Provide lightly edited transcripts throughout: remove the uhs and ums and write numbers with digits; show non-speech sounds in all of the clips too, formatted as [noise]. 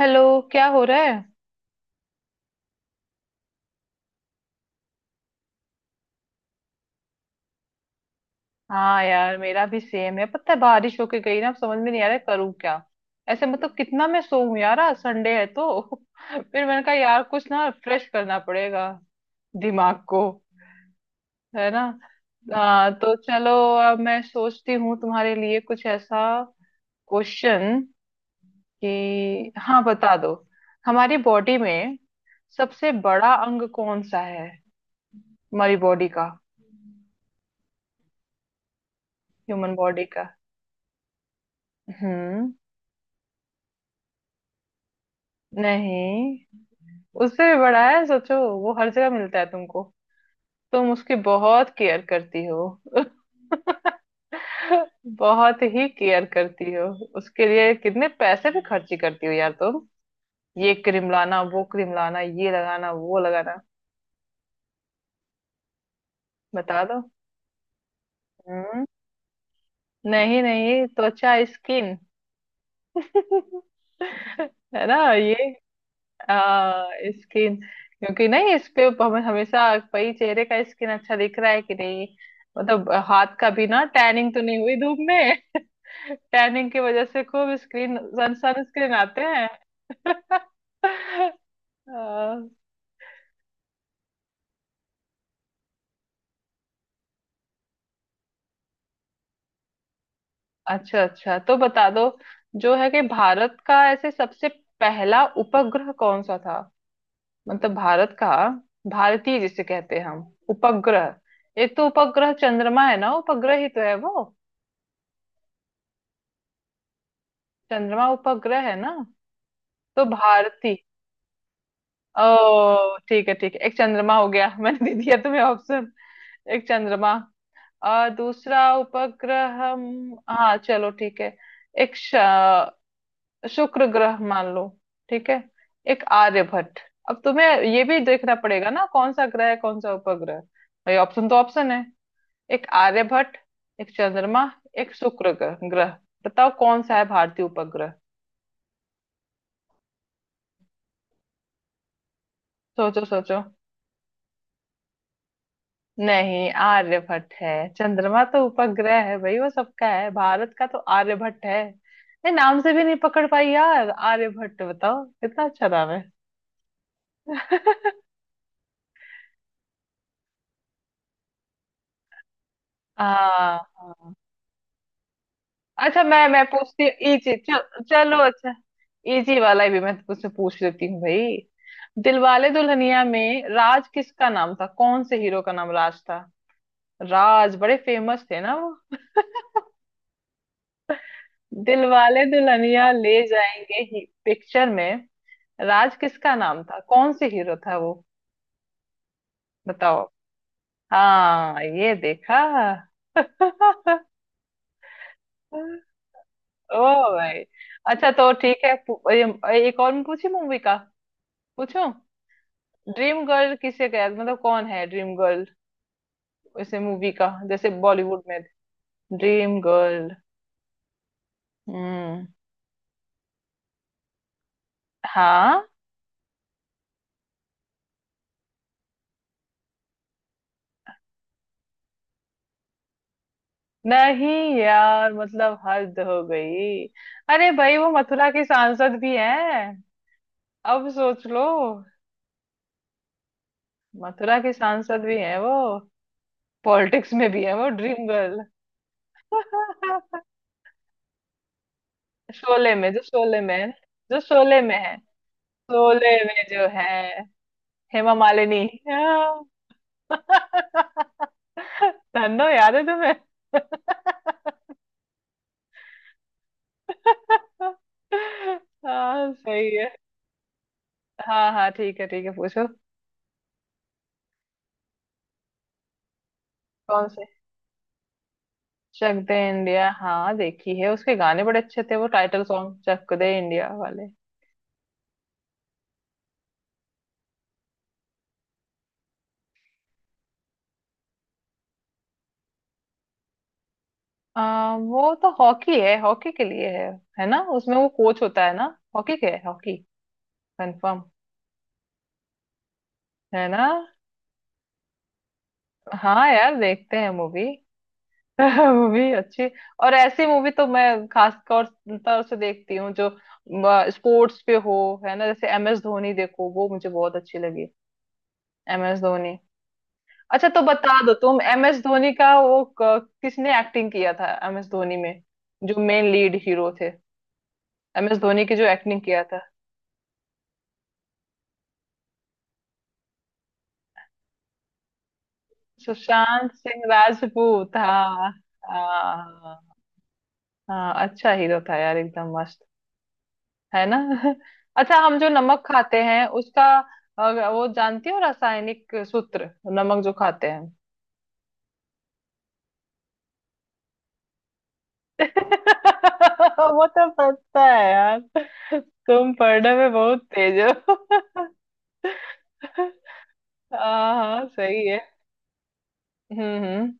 Hello. क्या हो रहा है? हाँ यार, मेरा भी सेम है। पता है बारिश होके गई ना, अब समझ में नहीं आ रहा है करूँ क्या। ऐसे मतलब कितना मैं सोऊं यार, आज संडे है तो [laughs] फिर मैंने कहा यार कुछ ना फ्रेश करना पड़ेगा दिमाग को। है ना? हाँ तो चलो। अब मैं सोचती हूँ तुम्हारे लिए कुछ ऐसा क्वेश्चन कि, हाँ बता दो। हमारी बॉडी में सबसे बड़ा अंग कौन सा है? हमारी बॉडी का, ह्यूमन बॉडी का। हम्म। नहीं, उससे भी बड़ा है। सोचो वो हर जगह मिलता है तुमको, तुम उसकी बहुत केयर करती हो। [laughs] बहुत ही केयर करती हो। उसके लिए कितने पैसे भी खर्ची करती हो यार तुम। ये क्रीम लाना, वो क्रीम लाना, ये लगाना, वो लगाना। बता दो। हम्म। नहीं नहीं, त्वचा, स्किन। [laughs] है ना ये? आ, स्किन। क्योंकि नहीं, इस पे हमें हमेशा भाई चेहरे का स्किन अच्छा दिख रहा है कि नहीं, मतलब हाथ का भी ना टैनिंग तो नहीं हुई धूप में। [laughs] टैनिंग की वजह से खूब स्क्रीन, सन स्क्रीन आते हैं। [laughs] अ, अच्छा अच्छा तो बता दो। जो है कि भारत का ऐसे सबसे पहला उपग्रह कौन सा था? मतलब भारत का, भारतीय जिसे कहते हैं हम, उपग्रह। एक तो उपग्रह चंद्रमा है ना, उपग्रह ही तो है वो। चंद्रमा उपग्रह है ना? तो भारती, ओ ठीक है ठीक है, एक चंद्रमा हो गया। [laughs] मैंने दे दिया तुम्हें ऑप्शन। एक चंद्रमा और दूसरा उपग्रह, हाँ चलो ठीक है। एक श- शुक्र ग्रह मान लो, ठीक है? एक आर्यभट्ट। अब तुम्हें ये भी देखना पड़ेगा ना कौन सा ग्रह है, कौन सा उपग्रह। भाई ऑप्शन तो ऑप्शन है। एक आर्यभट्ट, एक चंद्रमा, एक शुक्र ग्रह ग्रह। बताओ कौन सा है भारतीय उपग्रह। सोचो सोचो। नहीं, आर्यभट्ट है। चंद्रमा तो उपग्रह है भाई, वो सबका है। भारत का तो आर्यभट्ट है। ये नाम से भी नहीं पकड़ पाई यार, आर्यभट्ट, बताओ कितना अच्छा नाम है। [laughs] हाँ हाँ। अच्छा मैं पूछती हूँ इजी चलो अच्छा, इजी वाला ही भी मैं तुझसे पूछ लेती हूँ भाई। दिलवाले दुल्हनिया में राज किसका नाम था, कौन से हीरो का नाम राज था? राज बड़े फेमस थे ना वो, दिलवाले दुल्हनिया ले जाएंगे ही पिक्चर में। राज किसका नाम था, कौन से हीरो था वो, बताओ। हाँ ये देखा। [laughs] ओ भाई। अच्छा तो ठीक है एक और मैं पूछी मूवी का पूछूं। ड्रीम गर्ल किसे कह, मतलब कौन है ड्रीम गर्ल, इसे मूवी का जैसे बॉलीवुड में। Dream girl. हम्म। हाँ। नहीं यार, मतलब हद हो गई। अरे भाई वो मथुरा की सांसद भी है। अब सोच लो, मथुरा की सांसद भी हैं वो, पॉलिटिक्स में भी है वो, ड्रीम गर्ल। [laughs] शोले में है, जो शोले में है, शोले में जो है। हेमा मालिनी। हाँ। [laughs] धन्नो याद है तुम्हें? [laughs] हाँ सही है। हाँ हाँ ठीक है ठीक है, पूछो। कौन से? चक दे इंडिया, हाँ देखी है। उसके गाने बड़े अच्छे थे वो, title song Chak De India वाले। वो तो हॉकी है, हॉकी के लिए है। है ना, उसमें वो कोच होता है ना? हॉकी के है, हॉकी, कंफर्म। है ना? हाँ यार, देखते हैं मूवी। मूवी [laughs] अच्छी। और ऐसी मूवी तो मैं खास तौर तौर से देखती हूँ जो स्पोर्ट्स पे हो। है ना? जैसे एम एस धोनी देखो, वो मुझे बहुत अच्छी लगी। M S Dhoni. अच्छा तो बता दो तुम, एम एस धोनी का वो किसने एक्टिंग किया था एम एस धोनी में, जो मेन लीड हीरो थे, एम एस धोनी की जो एक्टिंग किया था। सुशांत सिंह राजपूत। हाँ हाँ हाँ, अच्छा हीरो था यार एकदम मस्त। है ना? [laughs] अच्छा, हम जो नमक खाते हैं उसका वो जानती हो रासायनिक सूत्र, नमक जो खाते हैं? [laughs] वो तो पता है यार। तुम पढ़ने में बहुत तेज हो। [laughs] हाँ हाँ सही है। हम्म।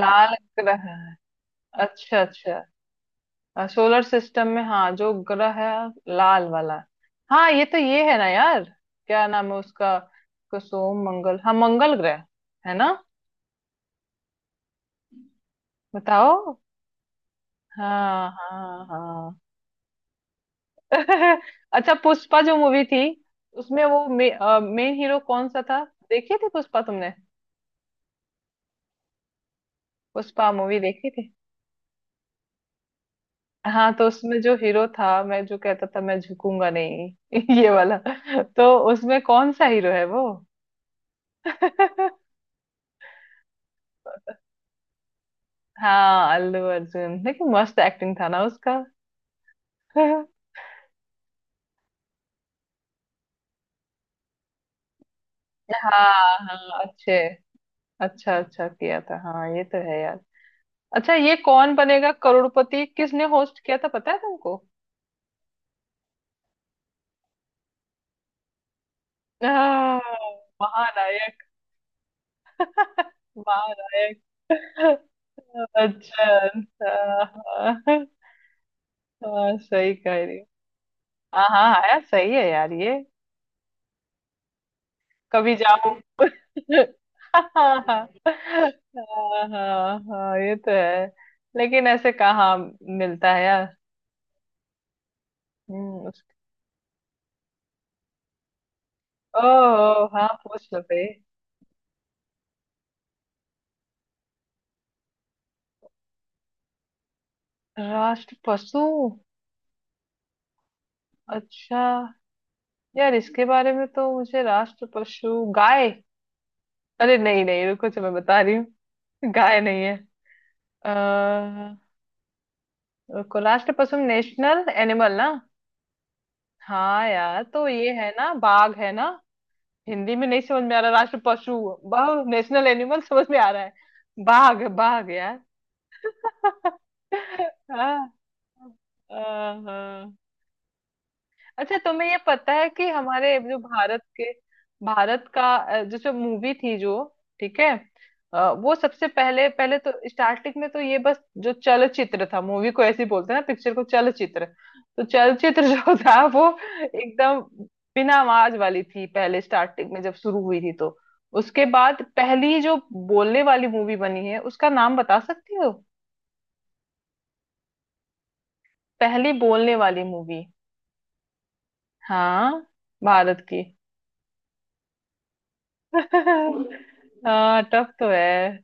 लाल ग्रह, अच्छा अच्छा, सोलर सिस्टम में हाँ जो ग्रह है लाल वाला, हाँ ये तो ये है ना यार, क्या नाम है उसका, को सोम मंगल, हाँ मंगल ग्रह। है ना? बताओ। हाँ हाँ हाँ। [laughs] अच्छा, पुष्पा जो मूवी थी, उसमें वो मेन हीरो कौन सा था? देखी थी पुष्पा तुमने? पुष्पा मूवी देखी थी? हाँ, तो उसमें जो हीरो था, मैं जो कहता था, मैं झुकूंगा नहीं [laughs] ये वाला, तो उसमें कौन सा हीरो है वो? [laughs] हाँ अल्लू अर्जुन, लेकिन मस्त एक्टिंग था ना उसका। [laughs] हाँ हाँ, अच्छे अच्छा अच्छा किया था, हाँ ये तो है यार। अच्छा, ये कौन बनेगा करोड़पति किसने होस्ट किया था, पता है तुमको? हाँ, महानायक। [laughs] महानायक। अच्छा अच्छा। [laughs] हाँ, हाँ, सही कह रही हो। हाँ हाँ हाँ, यार सही है यार ये। कभी जाऊं, हाँ हाँ। हाँ हाँ, ये तो है। लेकिन ऐसे कहाँ मिलता है यार। हम्म उस- ओ हाँ, पूछ लो भाई। राष्ट्र पशु, अच्छा, यार इसके बारे में तो मुझे, राष्ट्र पशु गाय, अरे नहीं नहीं रुको, चलो मैं बता रही हूँ। गाय नहीं है। अ, रुको, राष्ट्र पशु नेशनल एनिमल ना? हाँ यार तो ये है ना, बाघ है ना? हिंदी में नहीं समझ में आ रहा राष्ट्र पशु, बहु नेशनल एनिमल समझ में आ रहा है। बाघ बाघ यार। [laughs] हाँ हाँ हाँ। अच्छा तुम्हें ये पता है कि हमारे जो भारत के, भारत का, जैसे मूवी थी जो, ठीक है, वो सबसे पहले पहले तो स्टार्टिंग में तो ये बस जो चलचित्र था, मूवी को ऐसे ही बोलते हैं ना, पिक्चर को चलचित्र। तो चलचित्र जो [laughs] था वो एकदम बिना आवाज वाली थी पहले, स्टार्टिंग में जब शुरू हुई थी तो, उसके बाद पहली जो बोलने वाली मूवी बनी है उसका नाम बता सकती हो? पहली बोलने वाली मूवी, हाँ, भारत की। [laughs] हाँ टफ तो है।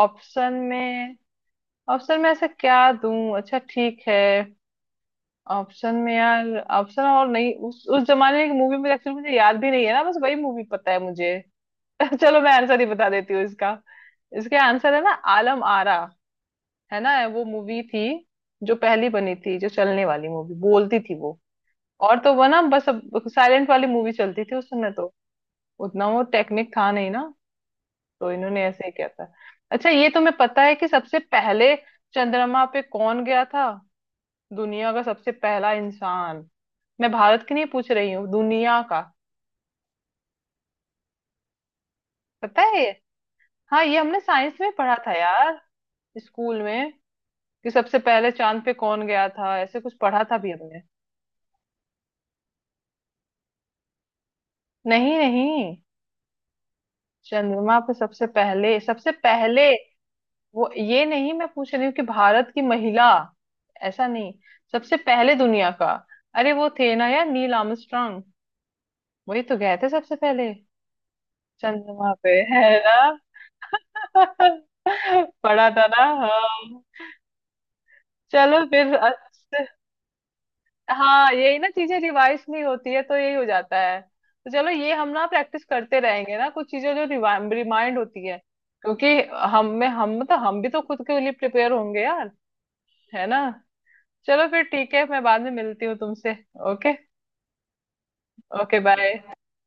ऑप्शन में, ऑप्शन में ऐसा क्या दूं, अच्छा ठीक है, ऑप्शन में यार, ऑप्शन और नहीं, उस जमाने की मूवी में, एक्चुअली मुझे याद भी नहीं है ना, बस वही मूवी पता है मुझे। [laughs] चलो मैं आंसर ही बता देती हूँ इसका, इसके आंसर है ना आलम आरा, है ना? वो मूवी थी जो पहली बनी थी, जो चलने वाली मूवी बोलती थी वो। और तो वो ना, बस साइलेंट वाली मूवी चलती थी उस समय, तो उतना वो टेक्निक था नहीं ना, तो इन्होंने ऐसे ही किया था। अच्छा, ये तुम्हें पता है कि सबसे पहले चंद्रमा पे कौन गया था, दुनिया का सबसे पहला इंसान? मैं भारत की नहीं पूछ रही हूँ, दुनिया का। पता है ये? हाँ ये हमने साइंस में पढ़ा था यार, स्कूल में, कि सबसे पहले चांद पे कौन गया था, ऐसे कुछ पढ़ा था भी हमने। नहीं नहीं, चंद्रमा पे सबसे पहले, वो ये नहीं मैं पूछ रही हूँ कि भारत की महिला, ऐसा नहीं, सबसे पहले दुनिया का, अरे वो थे ना यार नील आर्मस्ट्रांग, वही तो गए थे सबसे पहले चंद्रमा पे। है ना? [laughs] पढ़ा था ना हाँ। चलो फिर अच्छे। हाँ यही ना, चीजें रिवाइज नहीं होती है तो यही हो जाता है, तो चलो ये हम ना प्रैक्टिस करते रहेंगे ना, कुछ चीजें जो रिमाइंड होती है। क्योंकि हम मतलब हम भी तो खुद के लिए प्रिपेयर होंगे यार। है ना? चलो फिर ठीक है, मैं बाद में मिलती हूँ तुमसे। ओके। Okay bye.